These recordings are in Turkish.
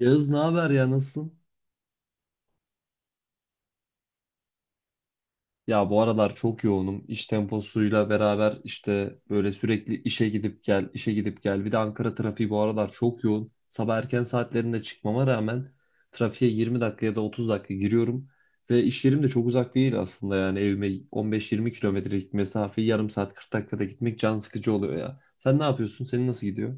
Yağız ne haber ya, nasılsın? Ya bu aralar çok yoğunum. İş temposuyla beraber işte böyle sürekli işe gidip gel, işe gidip gel. Bir de Ankara trafiği bu aralar çok yoğun. Sabah erken saatlerinde çıkmama rağmen trafiğe 20 dakika ya da 30 dakika giriyorum. Ve iş yerim de çok uzak değil aslında, yani evime 15-20 kilometrelik mesafeyi yarım saat 40 dakikada gitmek can sıkıcı oluyor ya. Sen ne yapıyorsun? Senin nasıl gidiyor?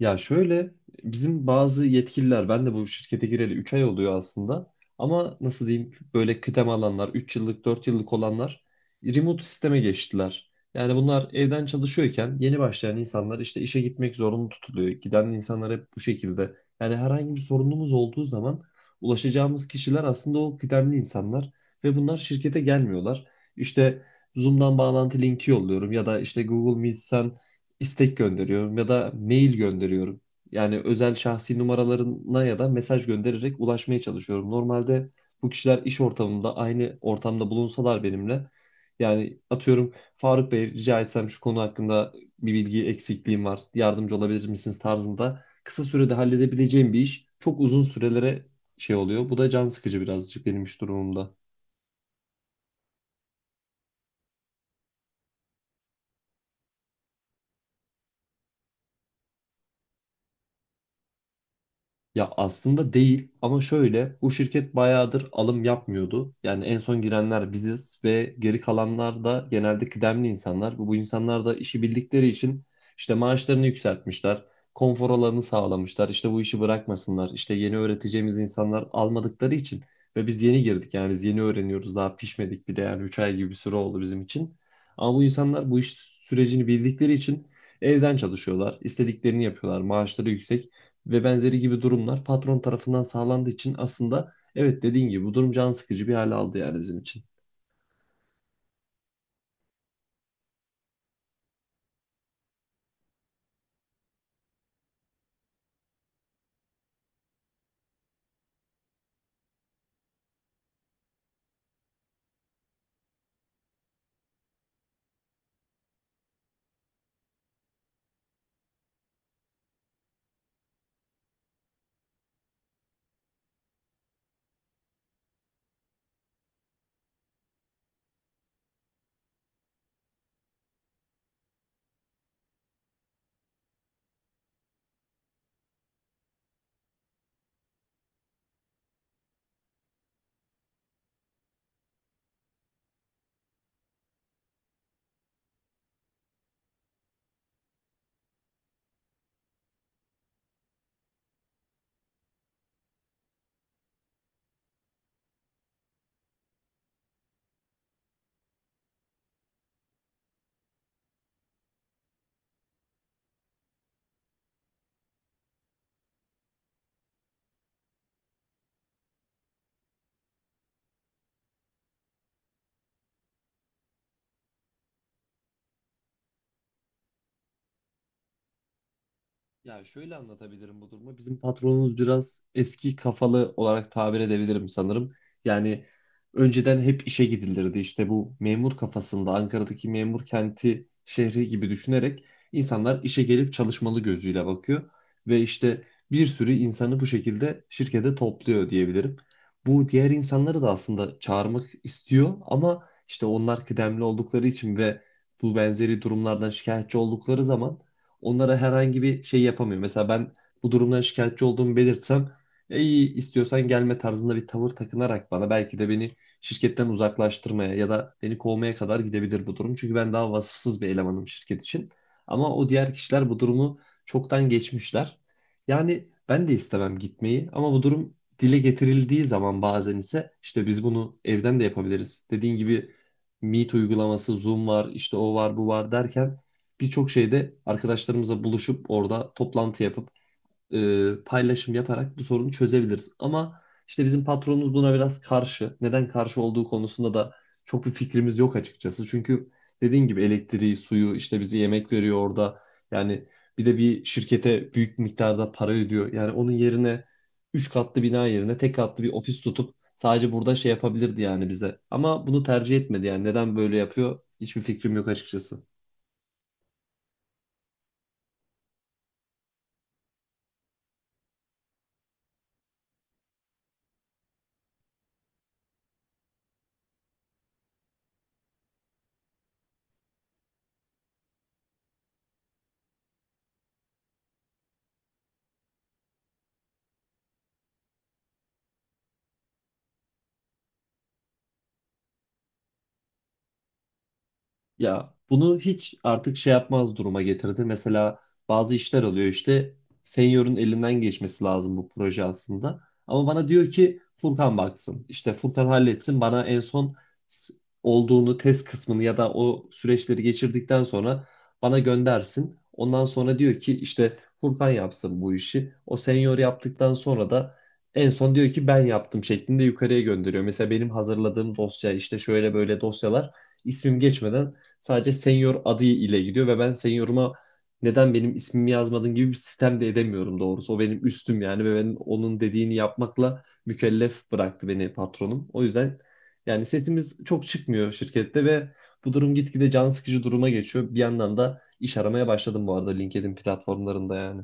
Ya şöyle, bizim bazı yetkililer, ben de bu şirkete gireli 3 ay oluyor aslında, ama nasıl diyeyim, böyle kıdem alanlar, 3 yıllık 4 yıllık olanlar remote sisteme geçtiler. Yani bunlar evden çalışıyorken yeni başlayan insanlar işte işe gitmek zorunlu tutuluyor. Giden insanlar hep bu şekilde. Yani herhangi bir sorunumuz olduğu zaman ulaşacağımız kişiler aslında o kıdemli insanlar ve bunlar şirkete gelmiyorlar. İşte Zoom'dan bağlantı linki yolluyorum ya da işte Google Meet'ten istek gönderiyorum ya da mail gönderiyorum. Yani özel şahsi numaralarına ya da mesaj göndererek ulaşmaya çalışıyorum. Normalde bu kişiler iş ortamında aynı ortamda bulunsalar benimle, yani atıyorum, Faruk Bey, rica etsem şu konu hakkında bir bilgi eksikliğim var, yardımcı olabilir misiniz tarzında kısa sürede halledebileceğim bir iş çok uzun sürelere şey oluyor. Bu da can sıkıcı birazcık benim iş durumumda. Ya aslında değil, ama şöyle, bu şirket bayağıdır alım yapmıyordu. Yani en son girenler biziz ve geri kalanlar da genelde kıdemli insanlar. Bu insanlar da işi bildikleri için işte maaşlarını yükseltmişler, konfor alanını sağlamışlar. İşte bu işi bırakmasınlar. İşte yeni öğreteceğimiz insanlar almadıkları için ve biz yeni girdik, yani biz yeni öğreniyoruz, daha pişmedik bile, yani 3 ay gibi bir süre oldu bizim için. Ama bu insanlar bu iş sürecini bildikleri için evden çalışıyorlar, istediklerini yapıyorlar, maaşları yüksek ve benzeri gibi durumlar patron tarafından sağlandığı için, aslında evet, dediğin gibi bu durum can sıkıcı bir hale aldı yani bizim için. Ya şöyle anlatabilirim bu durumu. Bizim patronumuz biraz eski kafalı olarak tabir edebilirim sanırım. Yani önceden hep işe gidilirdi. İşte bu memur kafasında, Ankara'daki memur kenti şehri gibi düşünerek insanlar işe gelip çalışmalı gözüyle bakıyor. Ve işte bir sürü insanı bu şekilde şirkete topluyor diyebilirim. Bu diğer insanları da aslında çağırmak istiyor, ama işte onlar kıdemli oldukları için ve bu benzeri durumlardan şikayetçi oldukları zaman onlara herhangi bir şey yapamıyor. Mesela ben bu durumdan şikayetçi olduğumu belirtsem, "E, iyi, istiyorsan gelme" tarzında bir tavır takınarak bana, belki de beni şirketten uzaklaştırmaya ya da beni kovmaya kadar gidebilir bu durum. Çünkü ben daha vasıfsız bir elemanım şirket için. Ama o diğer kişiler bu durumu çoktan geçmişler. Yani ben de istemem gitmeyi, ama bu durum dile getirildiği zaman, bazen ise işte biz bunu evden de yapabiliriz. Dediğin gibi Meet uygulaması, Zoom var, işte o var, bu var derken, birçok şeyde arkadaşlarımızla buluşup orada toplantı yapıp paylaşım yaparak bu sorunu çözebiliriz. Ama işte bizim patronumuz buna biraz karşı. Neden karşı olduğu konusunda da çok bir fikrimiz yok açıkçası. Çünkü dediğin gibi elektriği, suyu, işte bize yemek veriyor orada. Yani bir de bir şirkete büyük miktarda para ödüyor. Yani onun yerine 3 katlı bina yerine tek katlı bir ofis tutup sadece burada şey yapabilirdi yani bize. Ama bunu tercih etmedi yani. Neden böyle yapıyor? Hiçbir fikrim yok açıkçası. Ya bunu hiç artık şey yapmaz duruma getirdi. Mesela bazı işler oluyor, işte senior'un elinden geçmesi lazım bu proje aslında. Ama bana diyor ki Furkan baksın. İşte Furkan halletsin, bana en son s- olduğunu test kısmını ya da o süreçleri geçirdikten sonra bana göndersin. Ondan sonra diyor ki işte Furkan yapsın bu işi. O senior yaptıktan sonra da en son diyor ki ben yaptım şeklinde yukarıya gönderiyor. Mesela benim hazırladığım dosya, işte şöyle böyle dosyalar, ismim geçmeden sadece senior adı ile gidiyor ve ben senioruma neden benim ismimi yazmadın gibi bir sistem de edemiyorum doğrusu. O benim üstüm yani ve ben onun dediğini yapmakla mükellef bıraktı beni patronum. O yüzden yani sesimiz çok çıkmıyor şirkette ve bu durum gitgide can sıkıcı duruma geçiyor. Bir yandan da iş aramaya başladım bu arada LinkedIn platformlarında yani.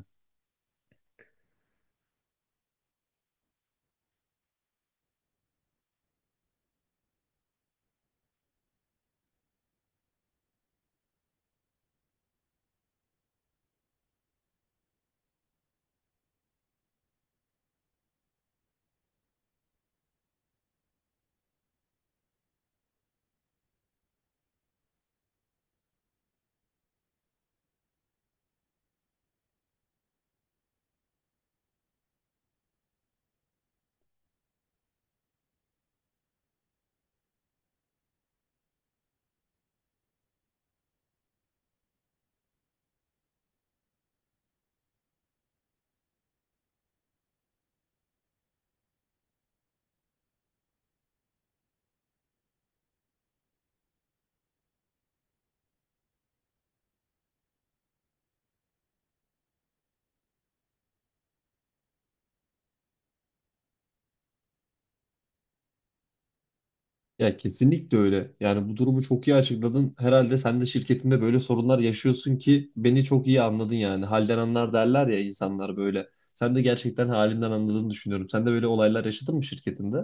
Ya kesinlikle öyle. Yani bu durumu çok iyi açıkladın. Herhalde sen de şirketinde böyle sorunlar yaşıyorsun ki beni çok iyi anladın yani. Halden anlar derler ya insanlar, böyle. Sen de gerçekten halimden anladığını düşünüyorum. Sen de böyle olaylar yaşadın mı şirketinde?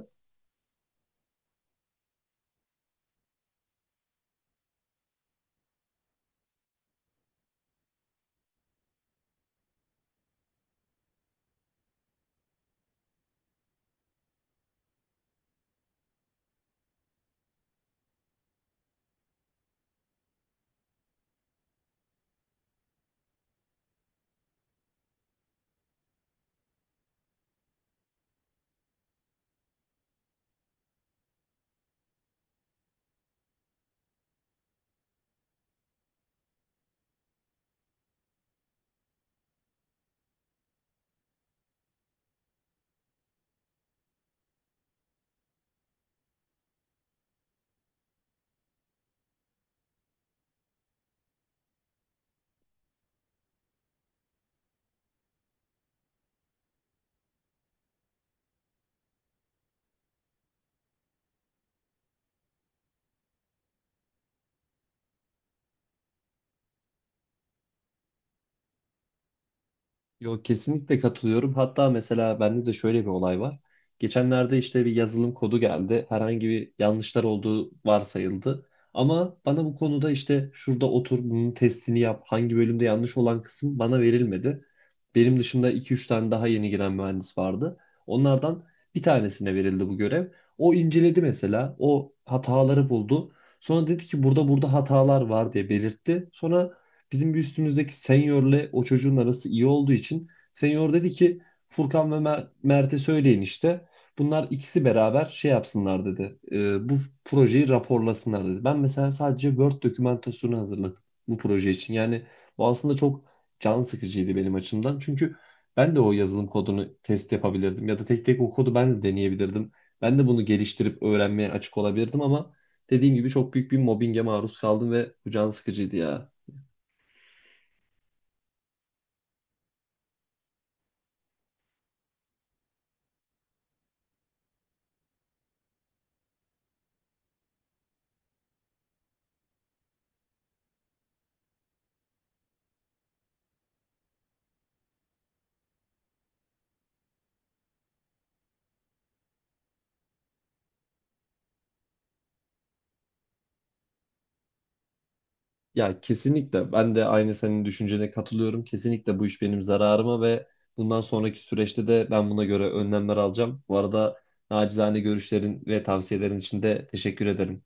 Yok, kesinlikle katılıyorum. Hatta mesela bende de şöyle bir olay var. Geçenlerde işte bir yazılım kodu geldi. Herhangi bir yanlışlar olduğu varsayıldı. Ama bana bu konuda işte şurada otur bunun testini yap. Hangi bölümde yanlış olan kısım bana verilmedi. Benim dışında iki üç tane daha yeni giren mühendis vardı. Onlardan bir tanesine verildi bu görev. O inceledi mesela. O hataları buldu. Sonra dedi ki burada burada hatalar var diye belirtti. Sonra bizim bir üstümüzdeki seniorle o çocuğun arası iyi olduğu için senior dedi ki Furkan ve Mert'e söyleyin işte. Bunlar ikisi beraber şey yapsınlar dedi. Bu projeyi raporlasınlar dedi. Ben mesela sadece Word dokümantasyonu hazırladım bu proje için. Yani bu aslında çok can sıkıcıydı benim açımdan. Çünkü ben de o yazılım kodunu test yapabilirdim ya da tek tek o kodu ben de deneyebilirdim. Ben de bunu geliştirip öğrenmeye açık olabilirdim, ama dediğim gibi çok büyük bir mobbinge maruz kaldım ve bu can sıkıcıydı ya. Ya kesinlikle ben de aynı senin düşüncene katılıyorum. Kesinlikle bu iş benim zararıma ve bundan sonraki süreçte de ben buna göre önlemler alacağım. Bu arada nacizane görüşlerin ve tavsiyelerin için de teşekkür ederim.